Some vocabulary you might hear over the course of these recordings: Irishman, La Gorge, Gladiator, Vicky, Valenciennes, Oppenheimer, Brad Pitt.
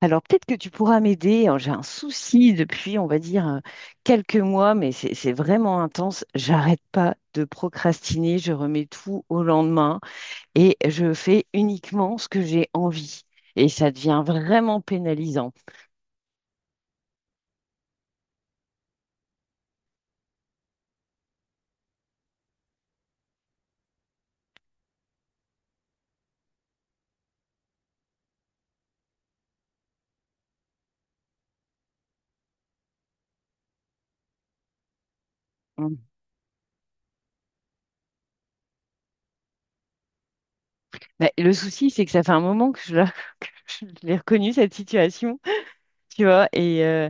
Alors peut-être que tu pourras m'aider. Alors, j'ai un souci depuis, on va dire, quelques mois, mais c'est vraiment intense. J'arrête pas de procrastiner. Je remets tout au lendemain et je fais uniquement ce que j'ai envie. Et ça devient vraiment pénalisant. Mm. Mais le souci, c'est que ça fait un moment que je l'ai reconnu, cette situation, tu vois. Et, euh,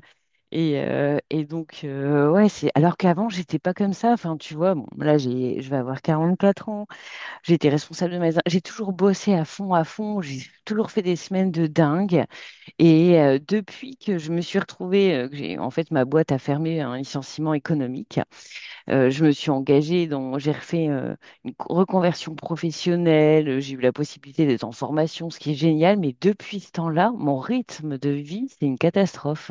et, euh, et donc, ouais, c'est. Alors qu'avant, j'étais pas comme ça. Enfin, tu vois, bon, là, je vais avoir 44 ans. J'étais responsable de magasin. J'ai toujours bossé à fond, à fond. J'ai toujours fait des semaines de dingue. Et depuis que je me suis retrouvée, en fait, ma boîte a fermé un licenciement économique, je me suis engagée dans, j'ai refait une reconversion professionnelle. J'ai eu la possibilité d'être en formation, ce qui est génial. Mais depuis ce temps-là, mon rythme de vie, c'est une catastrophe.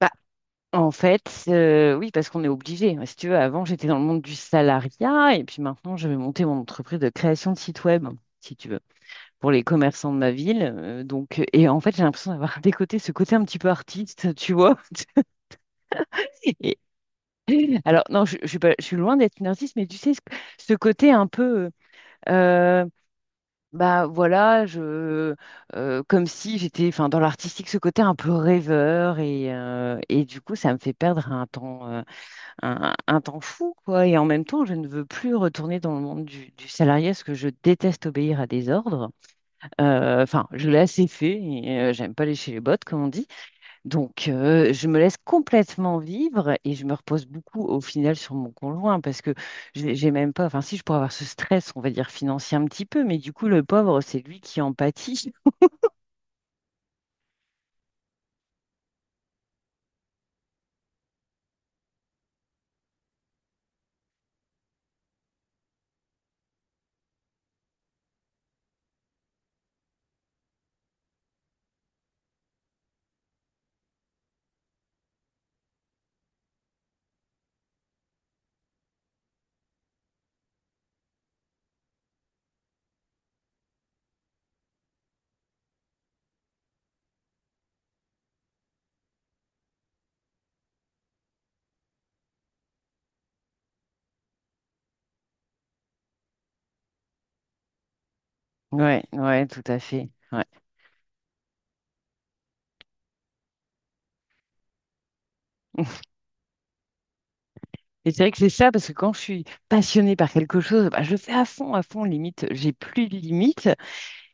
Bah, en fait, oui, parce qu'on est obligé. Si tu veux, avant, j'étais dans le monde du salariat et puis maintenant, je vais monter mon entreprise de création de site web, si tu veux, pour les commerçants de ma ville. Donc, et en fait, j'ai l'impression d'avoir décoté ce côté un petit peu artiste, tu vois. Et- alors, non, je suis pas, je suis loin d'être une artiste, mais tu sais, ce côté un peu, euh, bah voilà, je, comme si j'étais, enfin, dans l'artistique, ce côté un peu rêveur et du coup, ça me fait perdre un temps. Un temps fou, quoi. Et en même temps, je ne veux plus retourner dans le monde du salarié parce que je déteste obéir à des ordres. Enfin, je l'ai assez fait et j'aime pas lécher les bottes, comme on dit. Donc, je me laisse complètement vivre et je me repose beaucoup au final sur mon conjoint parce que j'ai même pas, enfin, si je pourrais avoir ce stress, on va dire financier un petit peu, mais du coup, le pauvre, c'est lui qui en pâtit. Ouais, ouais, tout à fait. Ouais. Et c'est vrai que c'est ça, parce que quand je suis passionnée par quelque chose, bah, je fais à fond, limite, j'ai plus de limites.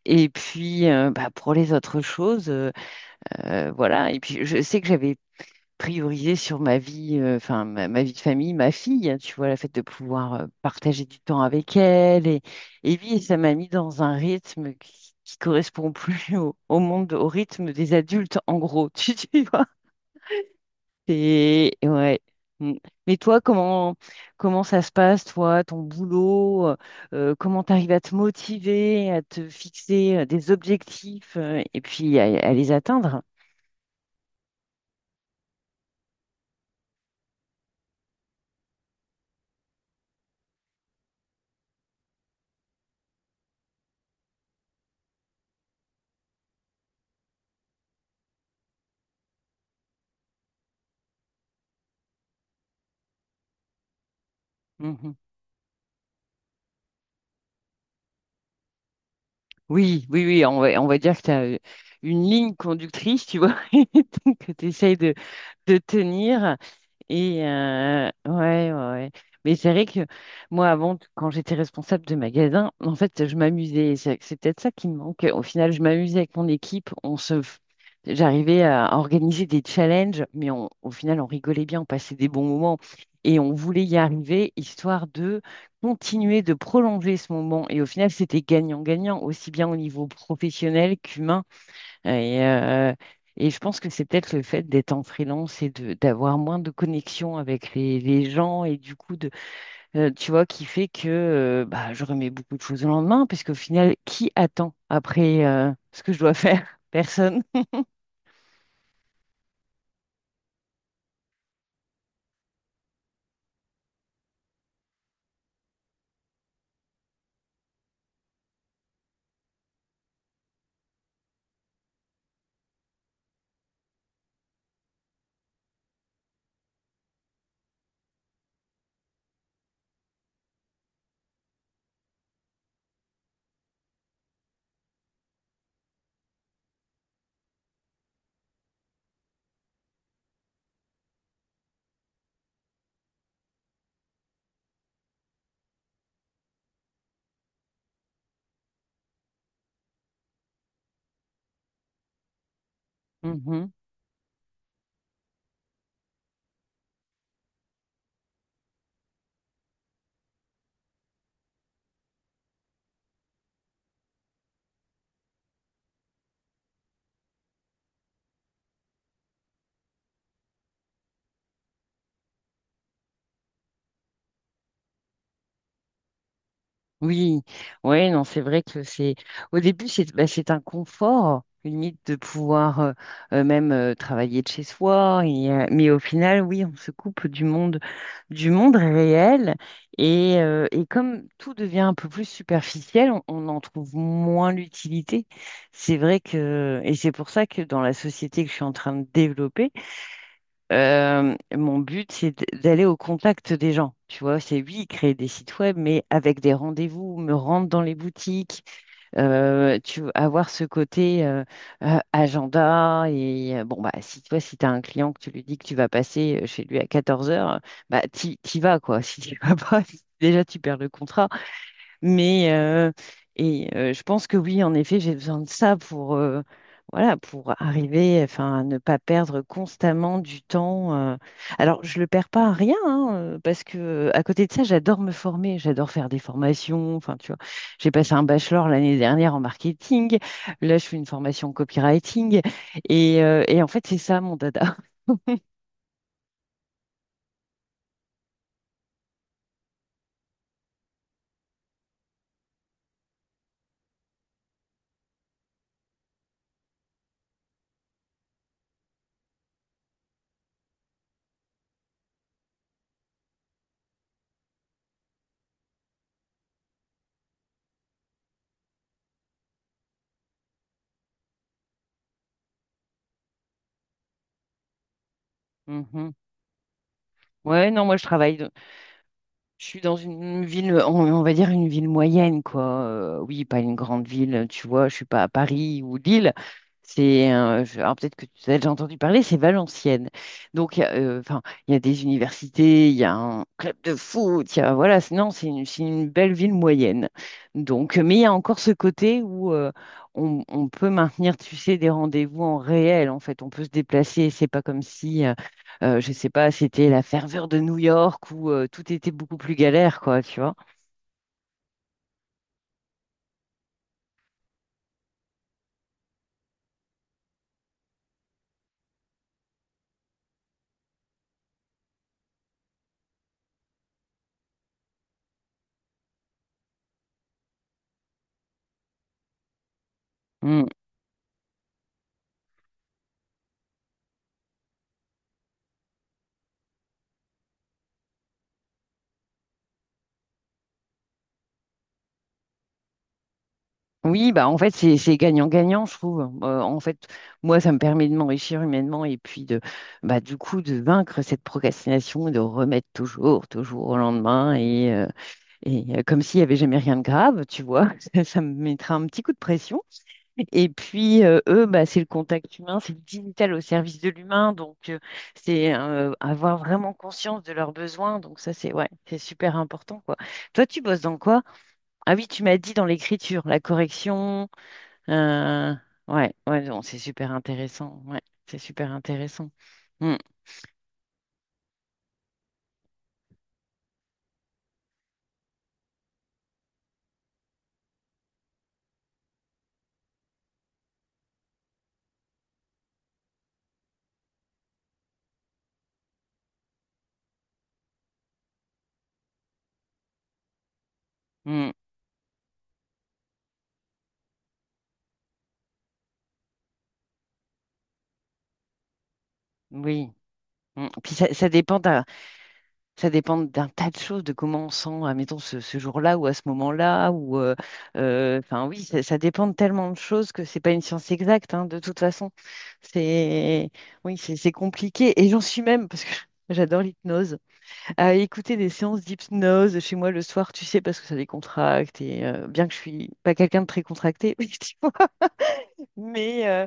Et puis, bah, pour les autres choses, voilà. Et puis, je sais que j'avais priorisé sur ma vie, enfin, ma vie de famille, ma fille, hein, tu vois, le fait de pouvoir partager du temps avec elle. Et puis, ça m'a mis dans un rythme qui correspond plus au monde, au rythme des adultes, en gros, tu vois. C'est ouais. Mm. Mais toi, comment ça se passe, toi, ton boulot, comment t'arrives à te motiver, à te fixer des objectifs et puis à les atteindre? Mhm. Oui, oui, oui, on va dire que tu as une ligne conductrice, tu vois, que tu essayes de tenir. Et ouais, ouais, ouais. Mais c'est vrai que moi, avant, quand j'étais responsable de magasin, en fait, je m'amusais. C'est peut-être ça qui me manque. Au final, je m'amusais avec mon équipe. J'arrivais à organiser des challenges, mais au final, on rigolait bien, on passait des bons moments et on voulait y arriver, histoire de continuer de prolonger ce moment. Et au final, c'était gagnant-gagnant, aussi bien au niveau professionnel qu'humain. Et, euh, et je pense que c'est peut-être le fait d'être en freelance et de d'avoir moins de connexion avec les gens et du coup de tu vois qui fait que bah, je remets beaucoup de choses au lendemain parce qu'au final qui attend après ce que je dois faire? Personne. Oui, ouais, non, c'est vrai que c'est au début c'est bah, c'est un confort limite de pouvoir même travailler de chez soi mais au final oui on se coupe du monde réel et comme tout devient un peu plus superficiel on en trouve moins l'utilité c'est vrai que et c'est pour ça que dans la société que je suis en train de développer mon but, c'est d'aller au contact des gens. Tu vois, c'est oui, créer des sites web, mais avec des rendez-vous, me rendre dans les boutiques, tu vois, avoir ce côté agenda. Et bon, bah, si toi, si tu as un client que tu lui dis que tu vas passer chez lui à 14 heures, bah, t'y vas, quoi. Si tu vas pas, déjà, tu perds le contrat. Mais je pense que oui, en effet, j'ai besoin de ça pour voilà, pour arriver, enfin, à ne pas perdre constamment du temps. Alors, je le perds pas à rien, hein, parce que à côté de ça, j'adore me former, j'adore faire des formations. Enfin, tu vois, j'ai passé un bachelor l'année dernière en marketing. Là, je fais une formation en copywriting. Et en fait, c'est ça mon dada. Mhm. Ouais, non, moi, je travaille. Je suis dans une ville, on va dire une ville moyenne, quoi. Oui, pas une grande ville, tu vois. Je suis pas à Paris ou Lille. Alors peut-être que tu as déjà entendu parler, c'est Valenciennes. Donc, enfin, il y a des universités, il y a un club de foot, il y a, voilà. Non, c'est une, belle ville moyenne. Donc, mais il y a encore ce côté où on peut maintenir, tu sais, des rendez-vous en réel. En fait, on peut se déplacer. C'est pas comme si je sais pas, c'était la ferveur de New York où tout était beaucoup plus galère, quoi, tu vois. Mm. Oui, bah en fait, c'est gagnant-gagnant, je trouve. En fait, moi, ça me permet de m'enrichir humainement et puis de, bah, du coup, de vaincre cette procrastination et de remettre toujours, toujours au lendemain et comme s'il n'y avait jamais rien de grave, tu vois. Ça me mettra un petit coup de pression. Et puis, eux, bah, c'est le contact humain, c'est le digital au service de l'humain. Donc, c'est avoir vraiment conscience de leurs besoins. Donc, ça, c'est ouais, c'est super important, quoi. Toi, tu bosses dans quoi? Ah oui, tu m'as dit dans l'écriture, la correction. euh, ouais, ouais, non, c'est super intéressant. Ouais, c'est super intéressant. Mm, mm, oui. Mm. Puis, ça dépend. Ça dépend d'un tas de choses, de comment on sent, admettons, ce jour-là ou à ce moment-là. Enfin, oui, ça dépend de tellement de choses que c'est pas une science exacte, hein, de toute façon. C'est, oui, c'est compliqué. Et j'en suis même, parce que j'adore l'hypnose, à écouter des séances d'hypnose chez moi le soir, tu sais, parce que ça décontracte. Et bien que je suis pas quelqu'un de très contracté, oui, tu vois, mais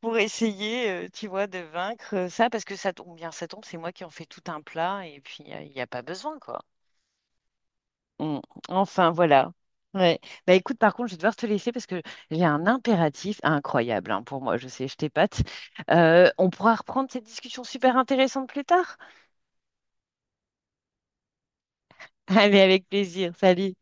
pour essayer, tu vois, de vaincre ça, parce que ça tombe bien, ça tombe, c'est moi qui en fais tout un plat, et puis il n'y a pas besoin, quoi. Mm. Enfin, voilà. Ouais. Bah écoute, par contre, je vais devoir te laisser parce que j'ai un impératif incroyable, hein, pour moi. Je sais, je t'épate. On pourra reprendre cette discussion super intéressante plus tard. Allez, avec plaisir. Salut.